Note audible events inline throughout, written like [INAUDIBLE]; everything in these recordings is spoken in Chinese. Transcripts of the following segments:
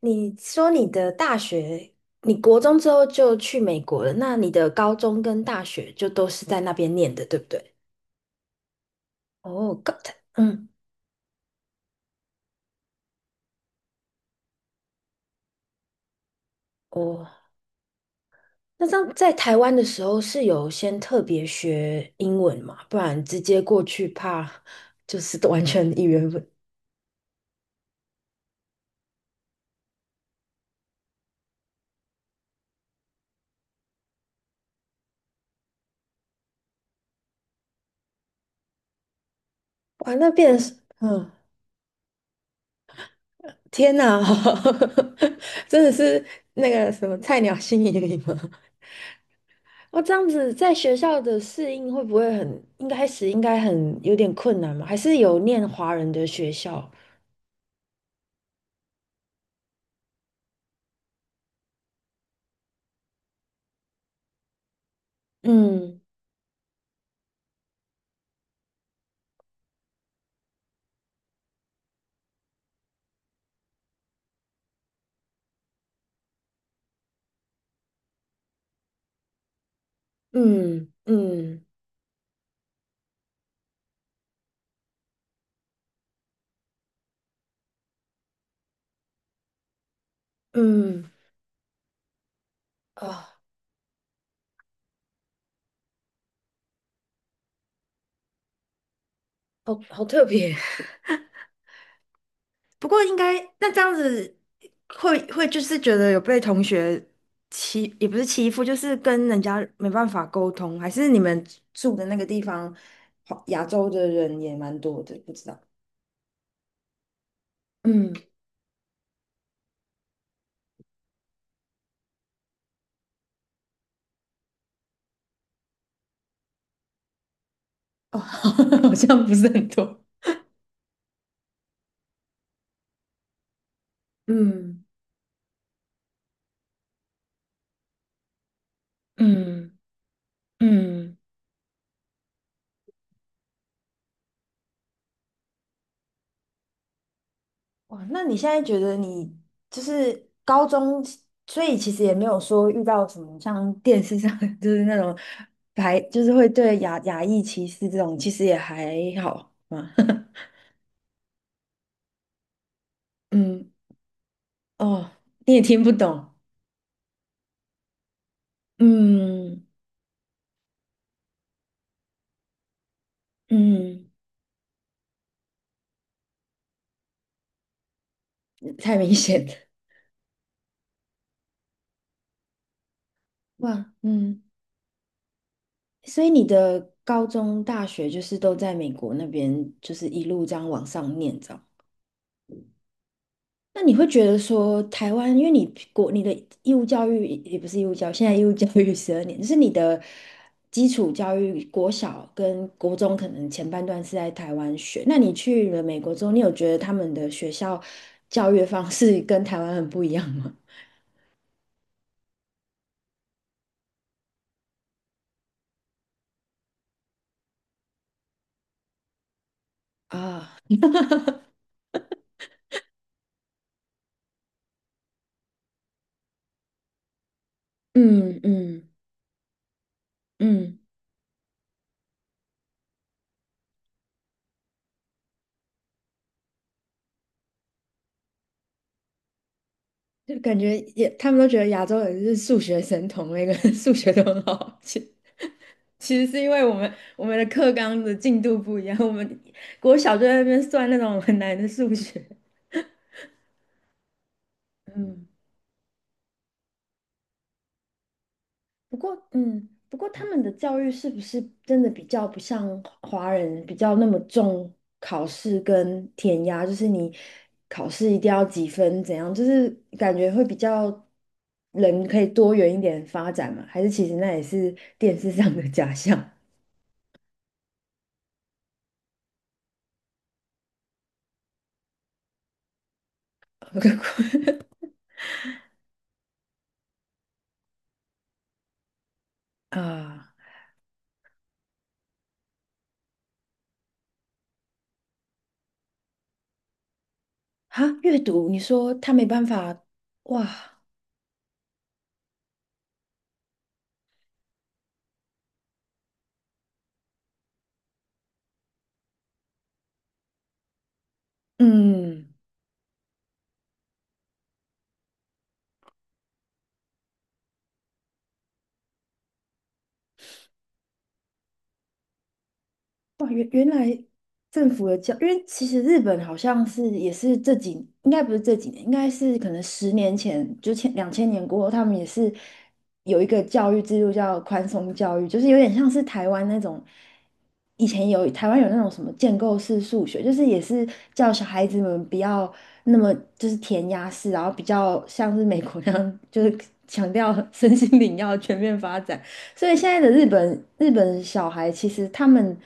你说你的大学，你国中之后就去美国了，那你的高中跟大学就都是在那边念的，对不对？哦，嗯，哦，那这样在台湾的时候是有先特别学英文嘛？不然直接过去怕就是完全一言不，哇，那变成是，嗯，天哪，[LAUGHS] 真的是那个什么菜鸟新移民吗？哦，这样子在学校的适应会不会很，应开始应该很有点困难吗？还是有念华人的学校？嗯嗯嗯嗯，啊、好好特别。[LAUGHS] 不过应该那这样子会就是觉得有被同学欺，也不是欺负，就是跟人家没办法沟通，还是你们住的那个地方，亚洲的人也蛮多的，不知道。嗯哦，[LAUGHS] 好像不是很多。嗯嗯。嗯，哇，那你现在觉得你就是高中，所以其实也没有说遇到什么像电视上 [LAUGHS] 就是那种就是会对亚裔歧视这种，其实也还好嘛。[LAUGHS] 嗯，哦，你也听不懂，嗯嗯，太明显了，哇，嗯，所以你的高中、大学就是都在美国那边，就是一路这样往上念，那你会觉得说，台湾，因为你你的义务教育也不是义务教育，现在义务教育12年，就是你的基础教育，国小跟国中可能前半段是在台湾学。那你去了美国之后，你有觉得他们的学校教育方式 [LAUGHS] 跟台湾很不一样吗？[LAUGHS] 啊，嗯嗯嗯，就感觉也他们都觉得亚洲人是数学神童，那个人数学都很好。其实是因为我们的课纲的进度不一样，我们国小就在那边算那种很难的数学。嗯，不过不过他们的教育是不是真的比较不像华人比较那么重考试跟填鸭？就是你考试一定要几分怎样？就是感觉会比较人可以多元一点发展嘛？还是其实那也是电视上的假象 [LAUGHS] 啊？哈，阅读，你说他没办法哇？嗯，哇，原来政府的教，因为其实日本好像是也是应该不是这几年，应该是可能10年前，就前2000年过后，他们也是有一个教育制度叫宽松教育，就是有点像是台湾那种，以前台湾有那种什么建构式数学，就是也是叫小孩子们不要那么就是填鸭式，然后比较像是美国那样，就是强调 [LAUGHS] 身心灵要全面发展。所以现在的日本小孩，其实他们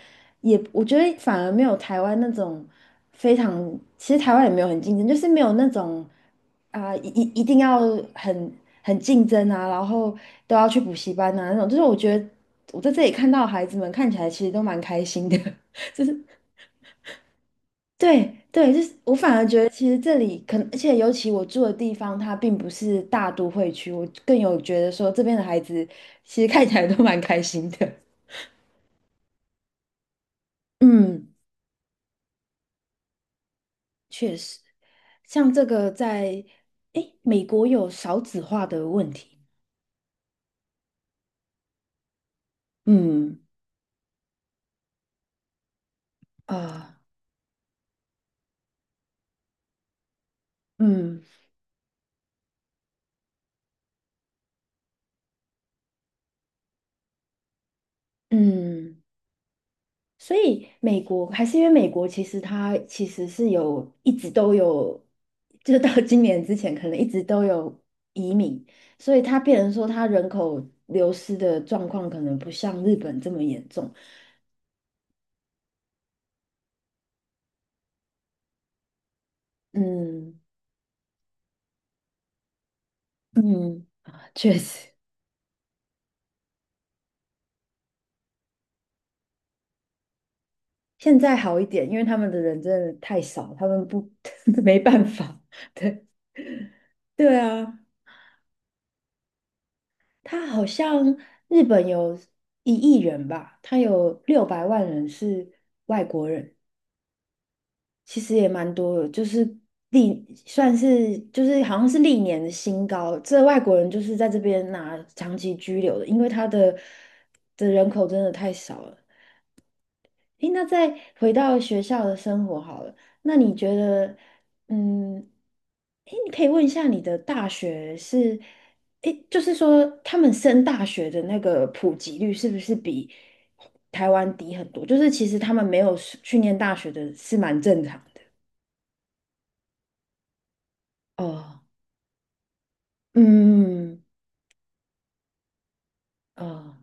也，我觉得反而没有台湾那种非常，其实台湾也没有很竞争，就是没有那种啊、一定要很很竞争啊，然后都要去补习班啊那种。就是我觉得我在这里看到孩子们看起来其实都蛮开心的，[LAUGHS] 就是对对，就是我反而觉得其实这里可能，而且尤其我住的地方，它并不是大都会区，我更有觉得说这边的孩子其实看起来都蛮开心的。嗯，确实，像这个在，诶，美国有少子化的问题。嗯啊，嗯嗯，所以美国还是因为美国其实它其实是有一直都有，就是到今年之前可能一直都有移民，所以它变成说它人口流失的状况可能不像日本这么严重。嗯嗯，啊确实。现在好一点，因为他们的人真的太少，他们不 [LAUGHS] 没办法。[LAUGHS] 对对啊，他好像日本有1亿人吧，他有600万人是外国人，其实也蛮多的，就是历算是就是好像是历年的新高。这外国人就是在这边拿长期居留的，因为他的人口真的太少了。诶，那再回到学校的生活好了，那你觉得，嗯，诶，你可以问一下你的大学是，诶，就是说他们升大学的那个普及率是不是比台湾低很多？就是其实他们没有是去念大学的是蛮正常的。哦，嗯，哦，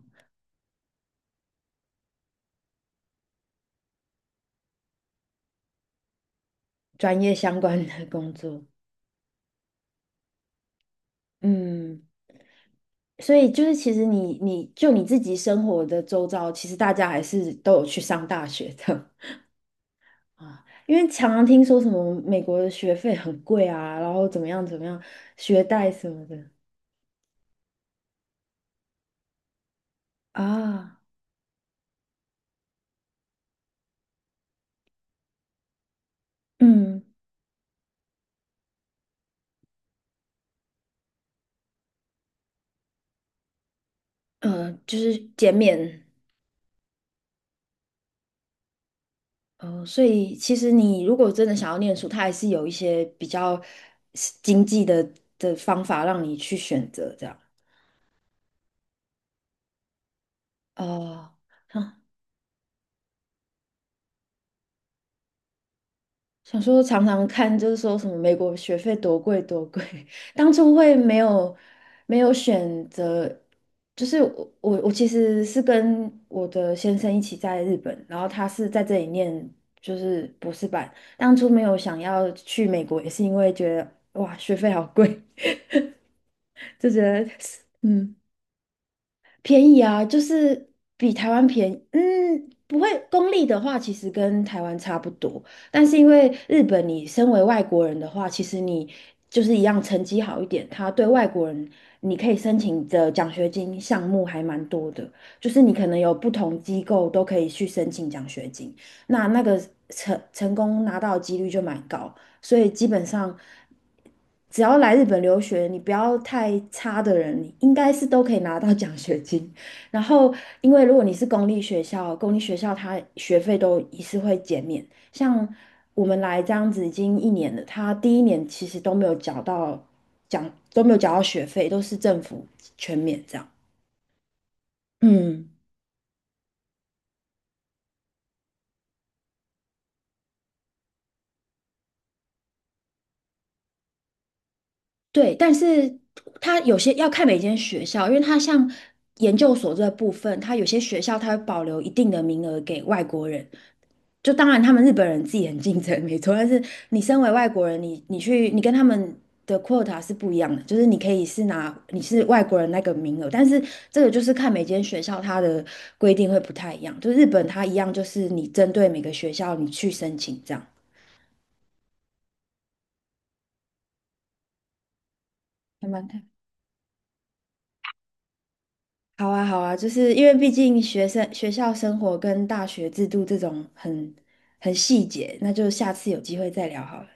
专业相关的工作，嗯。所以就是，其实你就你自己生活的周遭，其实大家还是都有去上大学的。啊，因为常常听说什么美国的学费很贵啊，然后怎么样怎么样，学贷什么的啊，嗯，就是减免，嗯，所以其实你如果真的想要念书，它还是有一些比较经济的方法让你去选择这样。哦、想说常常看，就是说什么美国学费多贵多贵，[LAUGHS] 当初会没有选择，就是我其实是跟我的先生一起在日本，然后他是在这里念就是博士班，当初没有想要去美国，也是因为觉得哇学费好贵，[LAUGHS] 就觉得嗯。便宜啊，就是比台湾便宜。嗯，不会，公立的话其实跟台湾差不多，但是因为日本，你身为外国人的话，其实你就是一样成绩好一点，他对外国人你可以申请的奖学金项目还蛮多的，就是你可能有不同机构都可以去申请奖学金，那个成功拿到的几率就蛮高。所以基本上，只要来日本留学，你不要太差的人，你应该是都可以拿到奖学金。然后，因为如果你是公立学校，公立学校它学费都也是会减免。像我们来这样子已经一年了，他第一年其实都没有缴到都没有缴到学费，都是政府全免这样。嗯。对，但是它有些要看每间学校，因为它像研究所这部分，它有些学校它会保留一定的名额给外国人。就当然他们日本人自己很竞争，没错，但是你身为外国人，你跟他们的 quota 是不一样的，就是你可以是拿你是外国人那个名额，但是这个就是看每间学校它的规定会不太一样。就日本它一样，就是你针对每个学校你去申请这样。慢慢看。好啊，好啊，就是因为毕竟学生学校生活跟大学制度这种很细节，那就下次有机会再聊好了。